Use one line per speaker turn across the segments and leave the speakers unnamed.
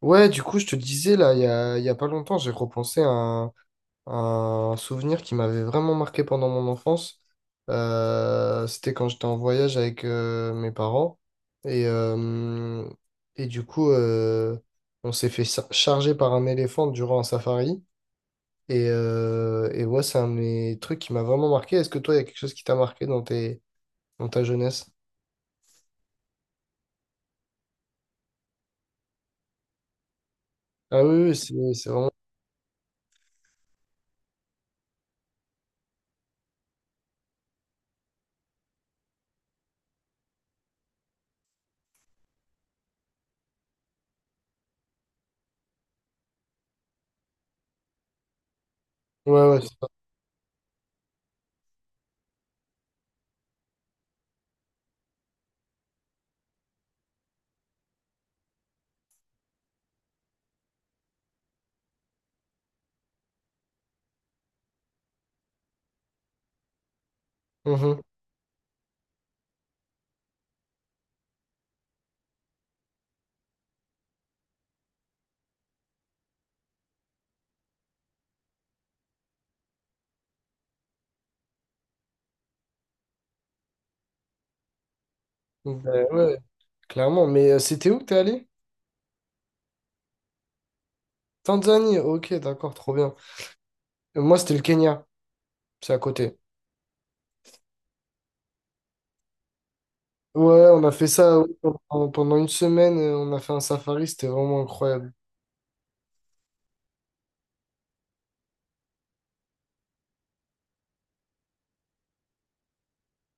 Ouais, du coup, je te disais, là, il y a pas longtemps, j'ai repensé à un souvenir qui m'avait vraiment marqué pendant mon enfance. C'était quand j'étais en voyage avec mes parents. Et, euh, et du coup, on s'est fait charger par un éléphant durant un safari. Et ouais, c'est un de mes trucs qui m'a vraiment marqué. Est-ce que toi, il y a quelque chose qui t'a marqué dans dans ta jeunesse? Ah oui, oui, c'est vraiment... Ouais, ouais, c'est ça. Mhm. Ben ouais, ouais, clairement. Mais c'était où que t'es allé? Tanzanie, ok, d'accord, trop bien. Moi, c'était le Kenya, c'est à côté. Ouais, on a fait ça ouais, pendant une semaine, on a fait un safari, c'était vraiment incroyable.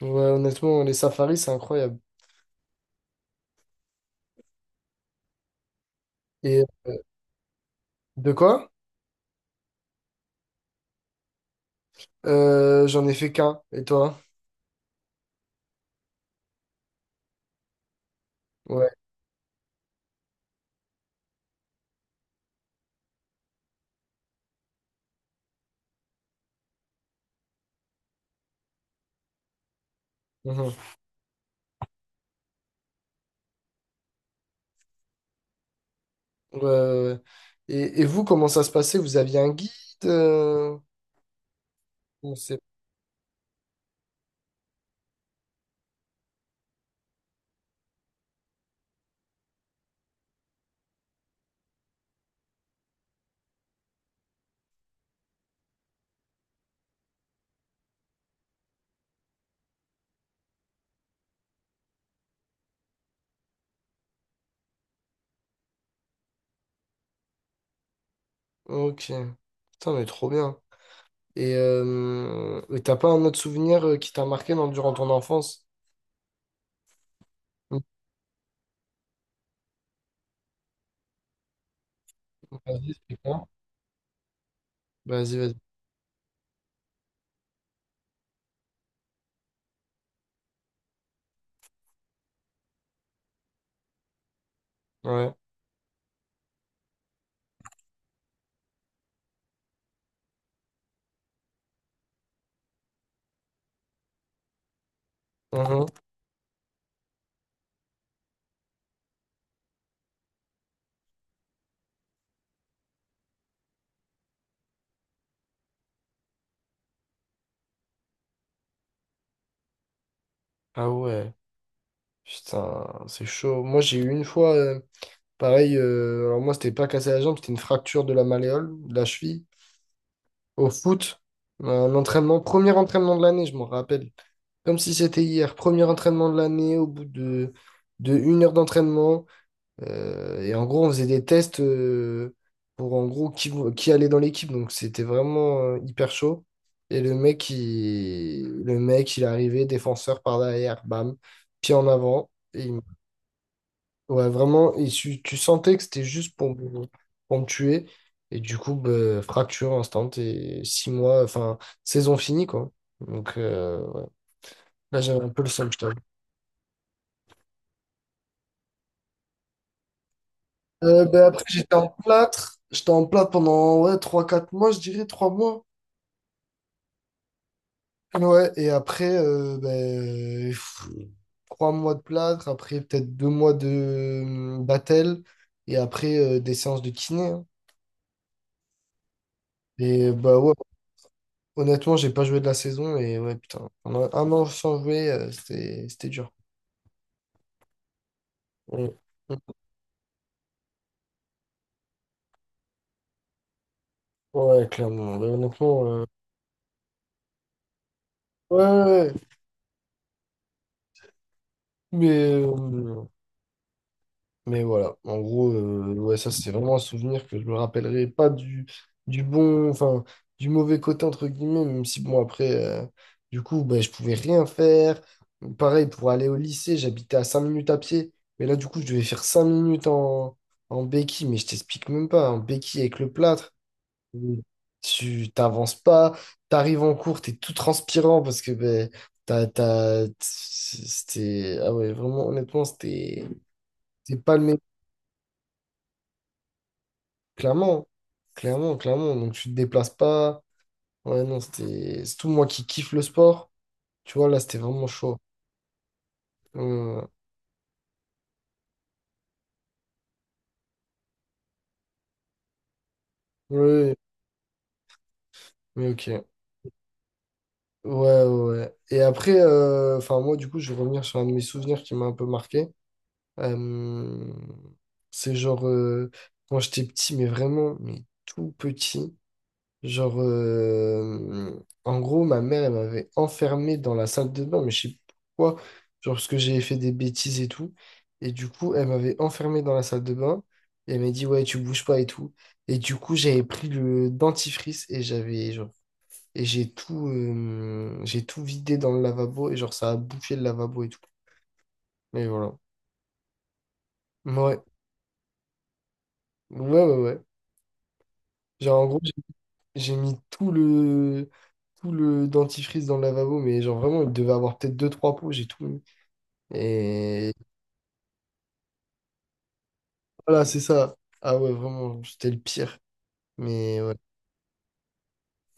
Ouais, honnêtement, les safaris, c'est incroyable. Et de quoi? J'en ai fait qu'un, et toi? Ouais. Mhm. Ouais, ouais, ouais. Et vous, comment ça se passait? Vous aviez un guide? euh, ou c'est- Ok. Putain, mais trop bien. Et t'as pas un autre souvenir qui t'a marqué durant ton enfance? Mhm. Vas-y, explique-moi. Vas-y. Ouais. Mhm. Ah ouais. Putain, c'est chaud. Moi, j'ai eu une fois, pareil, alors moi, c'était pas cassé la jambe, c'était une fracture de la malléole, de la cheville, au foot. Un entraînement, premier entraînement de l'année, je m'en rappelle. Comme si c'était hier, premier entraînement de l'année, de 1 heure d'entraînement. Et en gros, on faisait des tests pour en gros qui allait dans l'équipe. Donc c'était vraiment hyper chaud. Et le mec, il est arrivé, défenseur par derrière, bam, pied en avant. Ouais, vraiment, et tu sentais que c'était juste pour me tuer. Et du coup, bah, fracture instant et 6 mois, enfin, saison finie, quoi. Donc ouais. Là, j'avais un peu le seum, je t'avoue. Ben, après, j'étais en plâtre. J'étais en plâtre pendant ouais, je dirais 3 mois. Ouais, et après, ben, pff, 3 mois de plâtre, après peut-être 2 mois de battel, et après des séances de kiné, hein. Et bah ouais, honnêtement, j'ai pas joué de la saison, et ouais, putain, pendant 1 an sans jouer, c'était dur. Ouais, ouais, clairement. Ouais, honnêtement, ouais, ouais, ouais. mais, euh, Mais voilà, en gros, ouais, ça c'est vraiment un souvenir que je me rappellerai pas du bon, enfin, du mauvais côté entre guillemets, même si bon, après, euh, du coup, ben, je pouvais rien faire. Pareil, pour aller au lycée, j'habitais à 5 minutes à pied, mais là, du coup, je devais faire en béquille, mais je t'explique même pas, en béquille avec le plâtre. Oui. Tu t'avances pas, t'arrives en cours, t'es tout transpirant parce que ben, ah ouais, vraiment, honnêtement, c'était pas le meilleur. Clairement, clairement, clairement. Donc tu te déplaces pas. Ouais, non, c'était. C'est tout moi qui kiffe le sport. Tu vois, là, c'était vraiment chaud. Euh, oui, mais ok. Ouais, ouais, ouais. Et après, enfin, moi, du coup, je vais revenir sur un de mes souvenirs qui m'a un peu marqué. Euh, c'est genre, quand j'étais petit, mais vraiment, mais tout petit. Genre, euh, En gros, ma mère, elle m'avait enfermé dans la salle de bain, mais je sais pas pourquoi, genre parce que j'avais fait des bêtises et tout. Et du coup, elle m'avait enfermé dans la salle de bain et elle m'a dit, ouais, tu bouges pas et tout. Et du coup, j'avais pris le dentifrice et j'ai j'ai tout vidé dans le lavabo et genre, ça a bouffé le lavabo et tout. Mais voilà. Ouais, ouais, ouais, ouais. Genre, en gros, j'ai mis tout le dentifrice dans le lavabo, mais genre vraiment, il devait avoir peut-être 2, 3 pots, j'ai tout mis. Et voilà, c'est ça. Ah ouais, vraiment, c'était le pire. Mais ouais,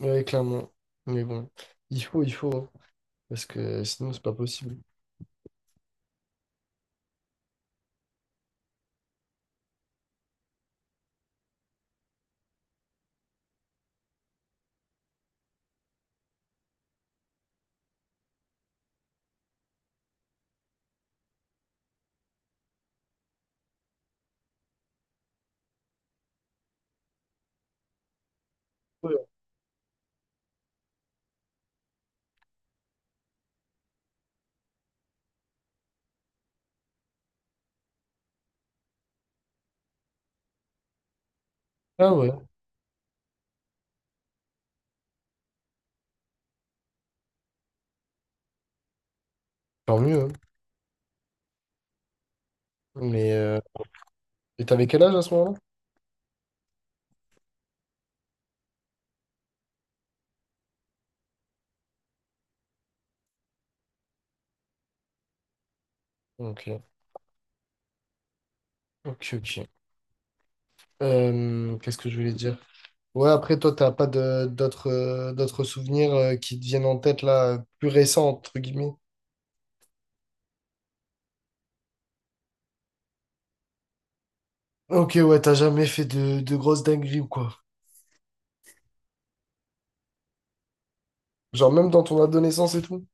ouais, clairement. Mais bon, il faut, hein, parce que sinon, c'est pas possible. Ouais. Ah ouais, tant mieux, hein. Mais et t'avais quel âge à ce moment-là? Ok, ok, ok. Qu'est-ce que je voulais dire? Ouais, après, toi, t'as pas de d'autres d'autres souvenirs qui te viennent en tête là, plus récents, entre guillemets. Ok, ouais, t'as jamais fait de grosses dingueries ou quoi? Genre même dans ton adolescence et tout.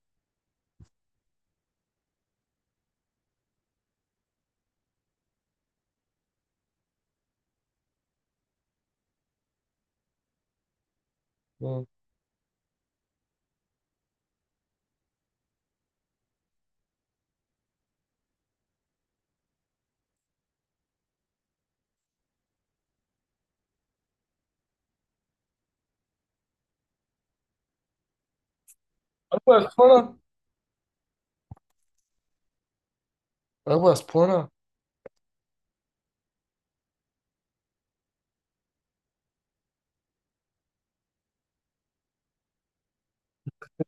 Ouais. Ah ouais, à ce point-là. Ah ouais, à ce point-là.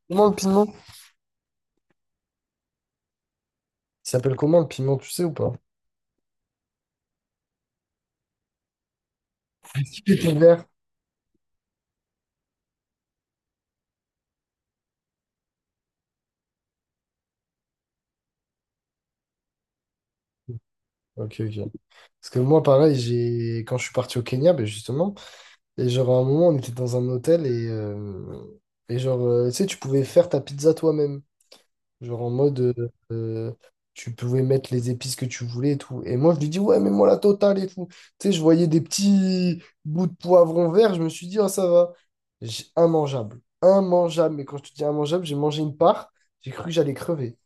Comment le piment? Il s'appelle comment le piment, tu sais ou pas? Pépé vert. Ok, ok. Parce que moi, pareil, j'ai quand je suis parti au Kenya, ben justement, et genre à un moment, on était dans un hôtel et genre, tu sais, tu pouvais faire ta pizza toi-même. Genre en mode, euh, tu pouvais mettre les épices que tu voulais et tout. Et moi, je lui dis, ouais, mais moi la totale et tout. Tu sais, je voyais des petits bouts de poivron vert, je me suis dit, ah, ça va. Immangeable. Immangeable. Mais quand je te dis immangeable, j'ai mangé une part, j'ai cru que j'allais crever.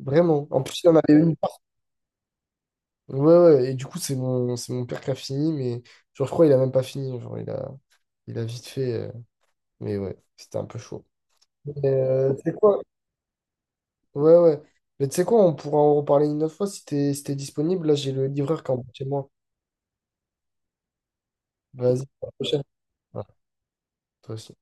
Vraiment. En plus, il y en avait une part. Ouais, ouais. Et du coup, c'est c'est mon père qui a fini, mais genre, je crois qu'il a même pas fini. Il a vite fait. Mais ouais, c'était un peu chaud. Mais, tu sais quoi? Ouais, ouais. Mais tu sais quoi, on pourra en reparler une autre fois si t'es si t'es disponible. Là, j'ai le livreur qui est en bas de chez moi. Vas-y, à la prochaine. Ouais, toi aussi.